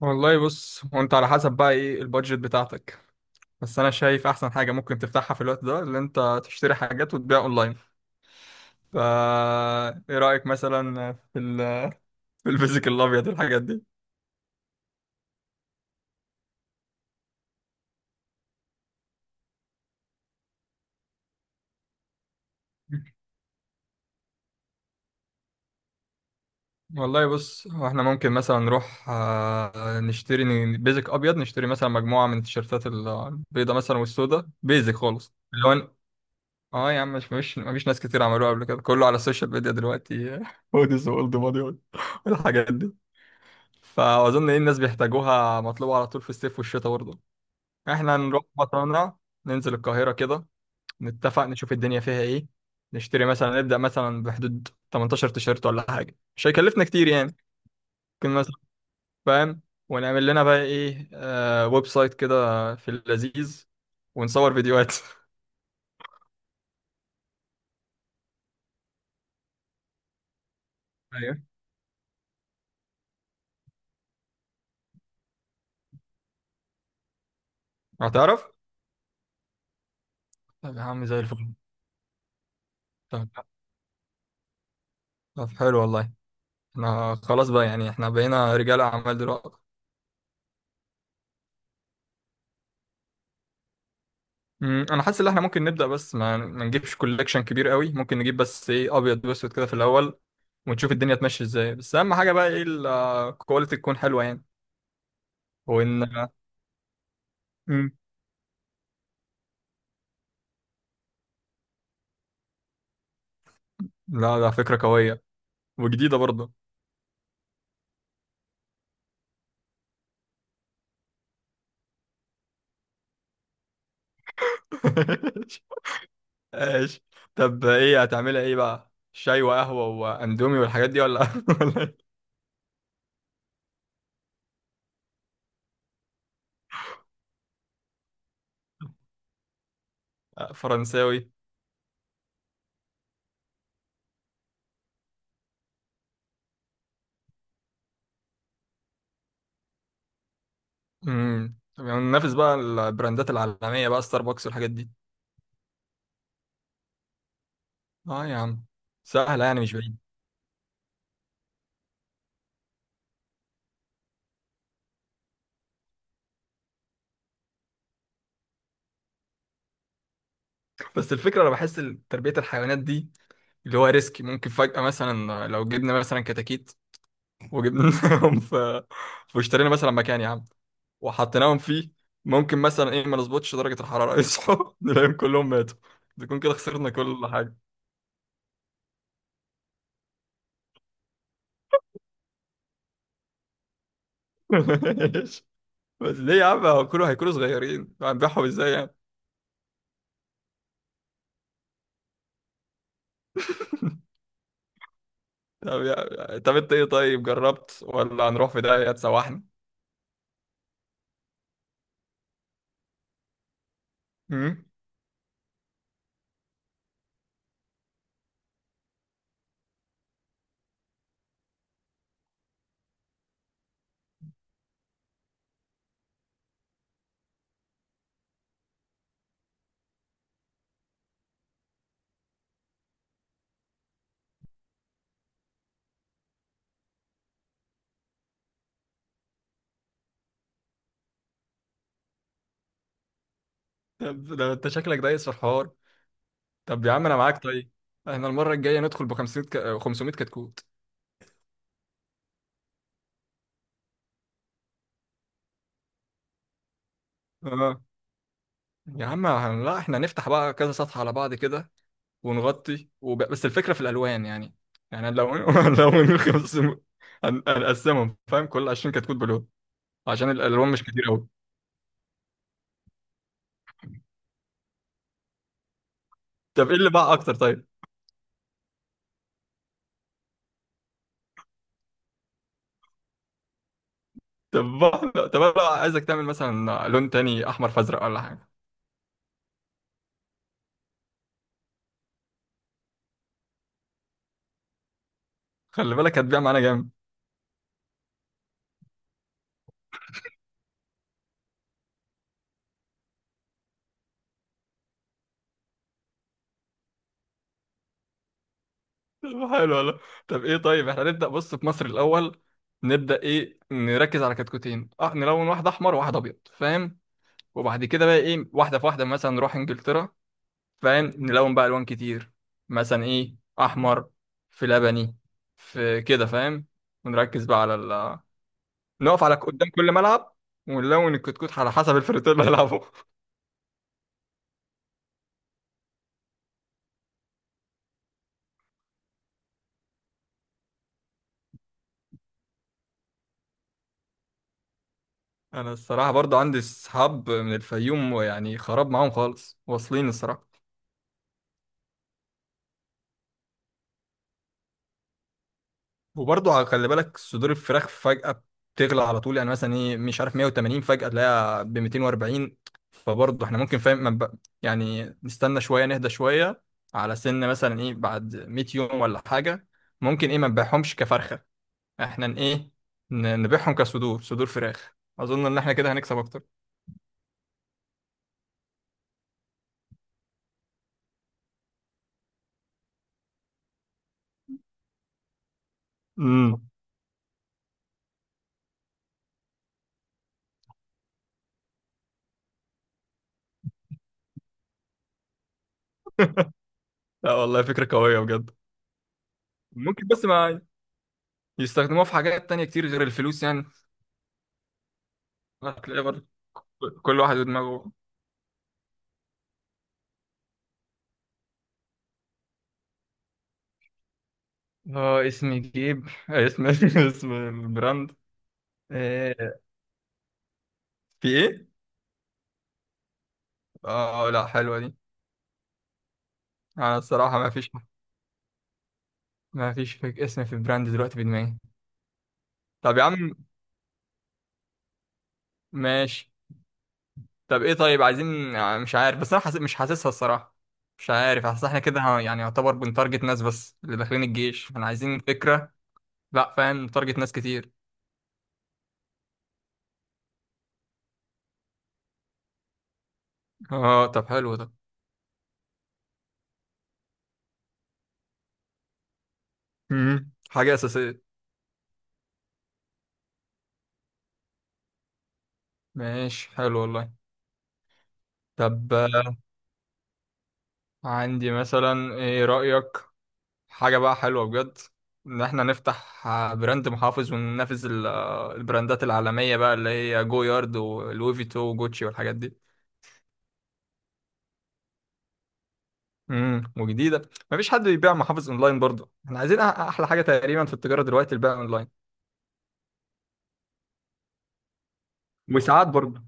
والله بص هو انت على حسب بقى ايه البادجت بتاعتك. بس انا شايف احسن حاجه ممكن تفتحها في الوقت ده، اللي انت تشتري حاجات وتبيع اونلاين. فا ايه رايك مثلا في ال في الفيزيكال الابيض الحاجات دي؟ والله بص، هو احنا ممكن مثلا نروح نشتري بيزك ابيض، نشتري مثلا مجموعه من التيشيرتات البيضه مثلا والسوداء، بيزك خالص اللون. اه يا عم، مش مفيش ناس كتير عملوها قبل كده، كله على السوشيال ميديا دلوقتي هوديز واولد ماني والحاجات دي. فاظن ايه الناس بيحتاجوها، مطلوبه على طول في الصيف والشتاء برضه. احنا نروح مطارنا، ننزل القاهره كده، نتفق نشوف الدنيا فيها ايه. نشتري مثلا، نبدا مثلا بحدود 18 تيشيرت ولا حاجه، مش هيكلفنا كتير يعني. ممكن مثلا، فاهم؟ ونعمل لنا بقى ايه ويب سايت كده في اللذيذ، ونصور فيديوهات ايوه، هتعرف. طب يا عم زي الفل. طب، حلو والله. احنا خلاص بقى، يعني احنا بقينا رجال اعمال دلوقتي. انا حاسس ان احنا ممكن نبدا، بس ما نجيبش كولكشن كبير قوي. ممكن نجيب بس ايه ابيض واسود كده في الاول، ونشوف الدنيا تمشي ازاي. بس اهم حاجه بقى ايه، الكواليتي تكون حلوه يعني. وان مم، لا ده فكره قويه وجديده برضه. ايش. طب ايه هتعملها ايه بقى، شاي وقهوه واندومي والحاجات دي، ولا ولا إيه؟ آه، فرنساوي. طب يعني ننافس بقى البراندات العالميه بقى، ستاربكس والحاجات دي. اه يا عم، سهله يعني مش بعيد. بس الفكرة أنا بحس تربية الحيوانات دي اللي هو ريسك. ممكن فجأة مثلا لو جبنا مثلا كتاكيت وجبناهم واشترينا مثلا مكان يا عم وحطيناهم فيه، ممكن مثلا إيه ما نظبطش درجة الحرارة يصحوا نلاقيهم كلهم ماتوا، نكون كده خسرنا كل حاجة. بس ليه يا عم، هو كله هيكونوا صغيرين، هنبيعهم إزاي يعني؟ طب أنت إيه طيب، جربت ولا هنروح في داهية تسوحنا؟ مم؟ طب ده أنت شكلك دايس في الحوار. طب يا عم انا معاك طيب. احنا المره الجايه ندخل ب 500 ك... آه، 500 كتكوت. اه يا عم لا، احنا هنفتح بقى كذا صفحه على بعض كده، ونغطي بس الفكره في الالوان يعني. يعني لو لو من 500 هنقسمهم، فاهم، كل 20 كتكوت بلون عشان الالوان مش كتير قوي. طب ايه اللي باع اكتر طيب؟ طب انا بقى عايزك تعمل مثلا لون تاني، احمر فازرق ولا حاجه. خلي بالك هتبيع معانا جامد. طب حلو والله. طب ايه طيب، احنا نبدأ بص في مصر الأول. نبدأ ايه، نركز على كتكوتين. اه نلون واحد أحمر وواحد أبيض، فاهم؟ وبعد كده بقى ايه، واحدة في واحدة، مثلا نروح إنجلترا فاهم، نلون بقى ألوان كتير. مثلا ايه أحمر، في لبني، في كده فاهم. ونركز بقى على ال نقف على قدام كل ملعب، ونلون الكتكوت على حسب الفريق اللي هيلعبه. أنا الصراحة برضو عندي صحاب من الفيوم، ويعني خراب معاهم خالص، واصلين الصراحة. وبرضه خلي بالك صدور الفراخ فجأة بتغلى على طول يعني، مثلا ايه مش عارف 180 فجأة تلاقيها ب 240. فبرضه احنا ممكن، فاهم، ما نب- يعني نستنى شوية، نهدى شوية على سن مثلا ايه بعد 100 يوم ولا حاجة. ممكن ايه ما نبيعهمش كفرخة، احنا نبيعهم كصدور فراخ. اظن ان احنا كده هنكسب اكتر. امم، لا والله فكرة قوية بجد. ممكن بس ما يستخدموها في حاجات تانية كتير غير الفلوس يعني. هتلاقي برضه كل واحد ودماغه. اه، اسم جيب اسم اسم البراند. آه، في ايه؟ اه لا حلوة دي. انا الصراحة ما فيش اسم في براند دلوقتي في دماغي. طب يا عم، ماشي. طب ايه طيب عايزين مش عارف، بس انا حاسس مش حاسسها الصراحة. مش عارف، حاسس احنا كده يعني يعتبر بنتارجت ناس بس اللي داخلين الجيش، احنا عايزين فكرة. لا فاهم، نتارجت ناس كتير. اه طب حلو ده. مم. حاجة أساسية. ماشي، حلو والله. طب عندي مثلا، ايه رأيك، حاجة بقى حلوة بجد، إن إحنا نفتح براند محافظ وننافس البراندات العالمية بقى اللي هي جو يارد ولوي فيتو وجوتشي والحاجات دي. وجديدة. مفيش حد بيبيع محافظ أونلاين برضه. إحنا عايزين أحلى حاجة تقريبا في التجارة دلوقتي، البيع أونلاين. وساعات برضه.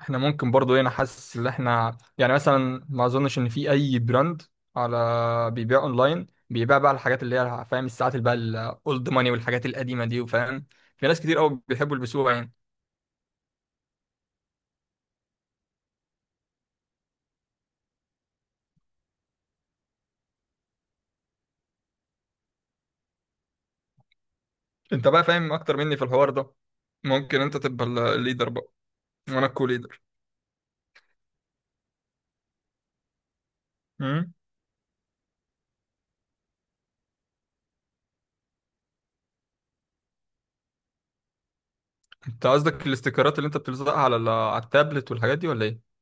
إحنا ممكن برضه هنا، حاسس إن إحنا يعني مثلا ما أظنش إن في أي براند على بيبيع أونلاين، بيبيع بقى الحاجات اللي هي فاهم، الساعات اللي بقى الأولد ماني والحاجات القديمة دي، وفاهم في ناس كتير قوي بيحبوا يلبسوها يعني. انت بقى فاهم اكتر مني في الحوار ده. ممكن انت تبقى الليدر بقى، وانا الكو ليدر. امم انت قصدك الاستيكرات اللي انت بتلزقها على التابلت والحاجات دي ولا ايه؟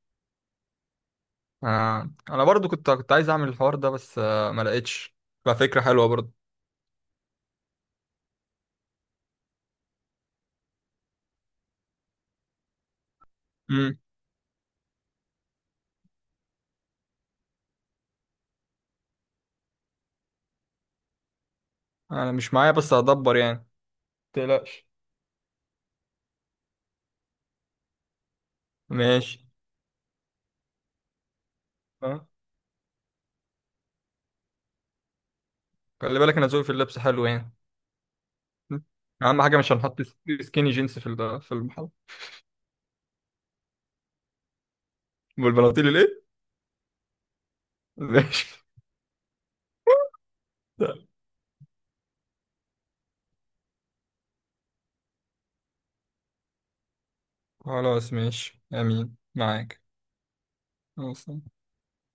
آه. انا برضو كنت عايز اعمل الحوار ده، بس ما لقيتش. ففكرة حلوة برضو. امم انا مش معايا بس هدبر يعني، متقلقش. ماشي. اه خلي بالك انا ذوقي في اللبس حلو يعني. مم. اهم حاجة مش هنحط سكيني جينز في المحل. والبناطيل الايه؟ ماشي. خلاص ماشي، امين معاك. خلاص.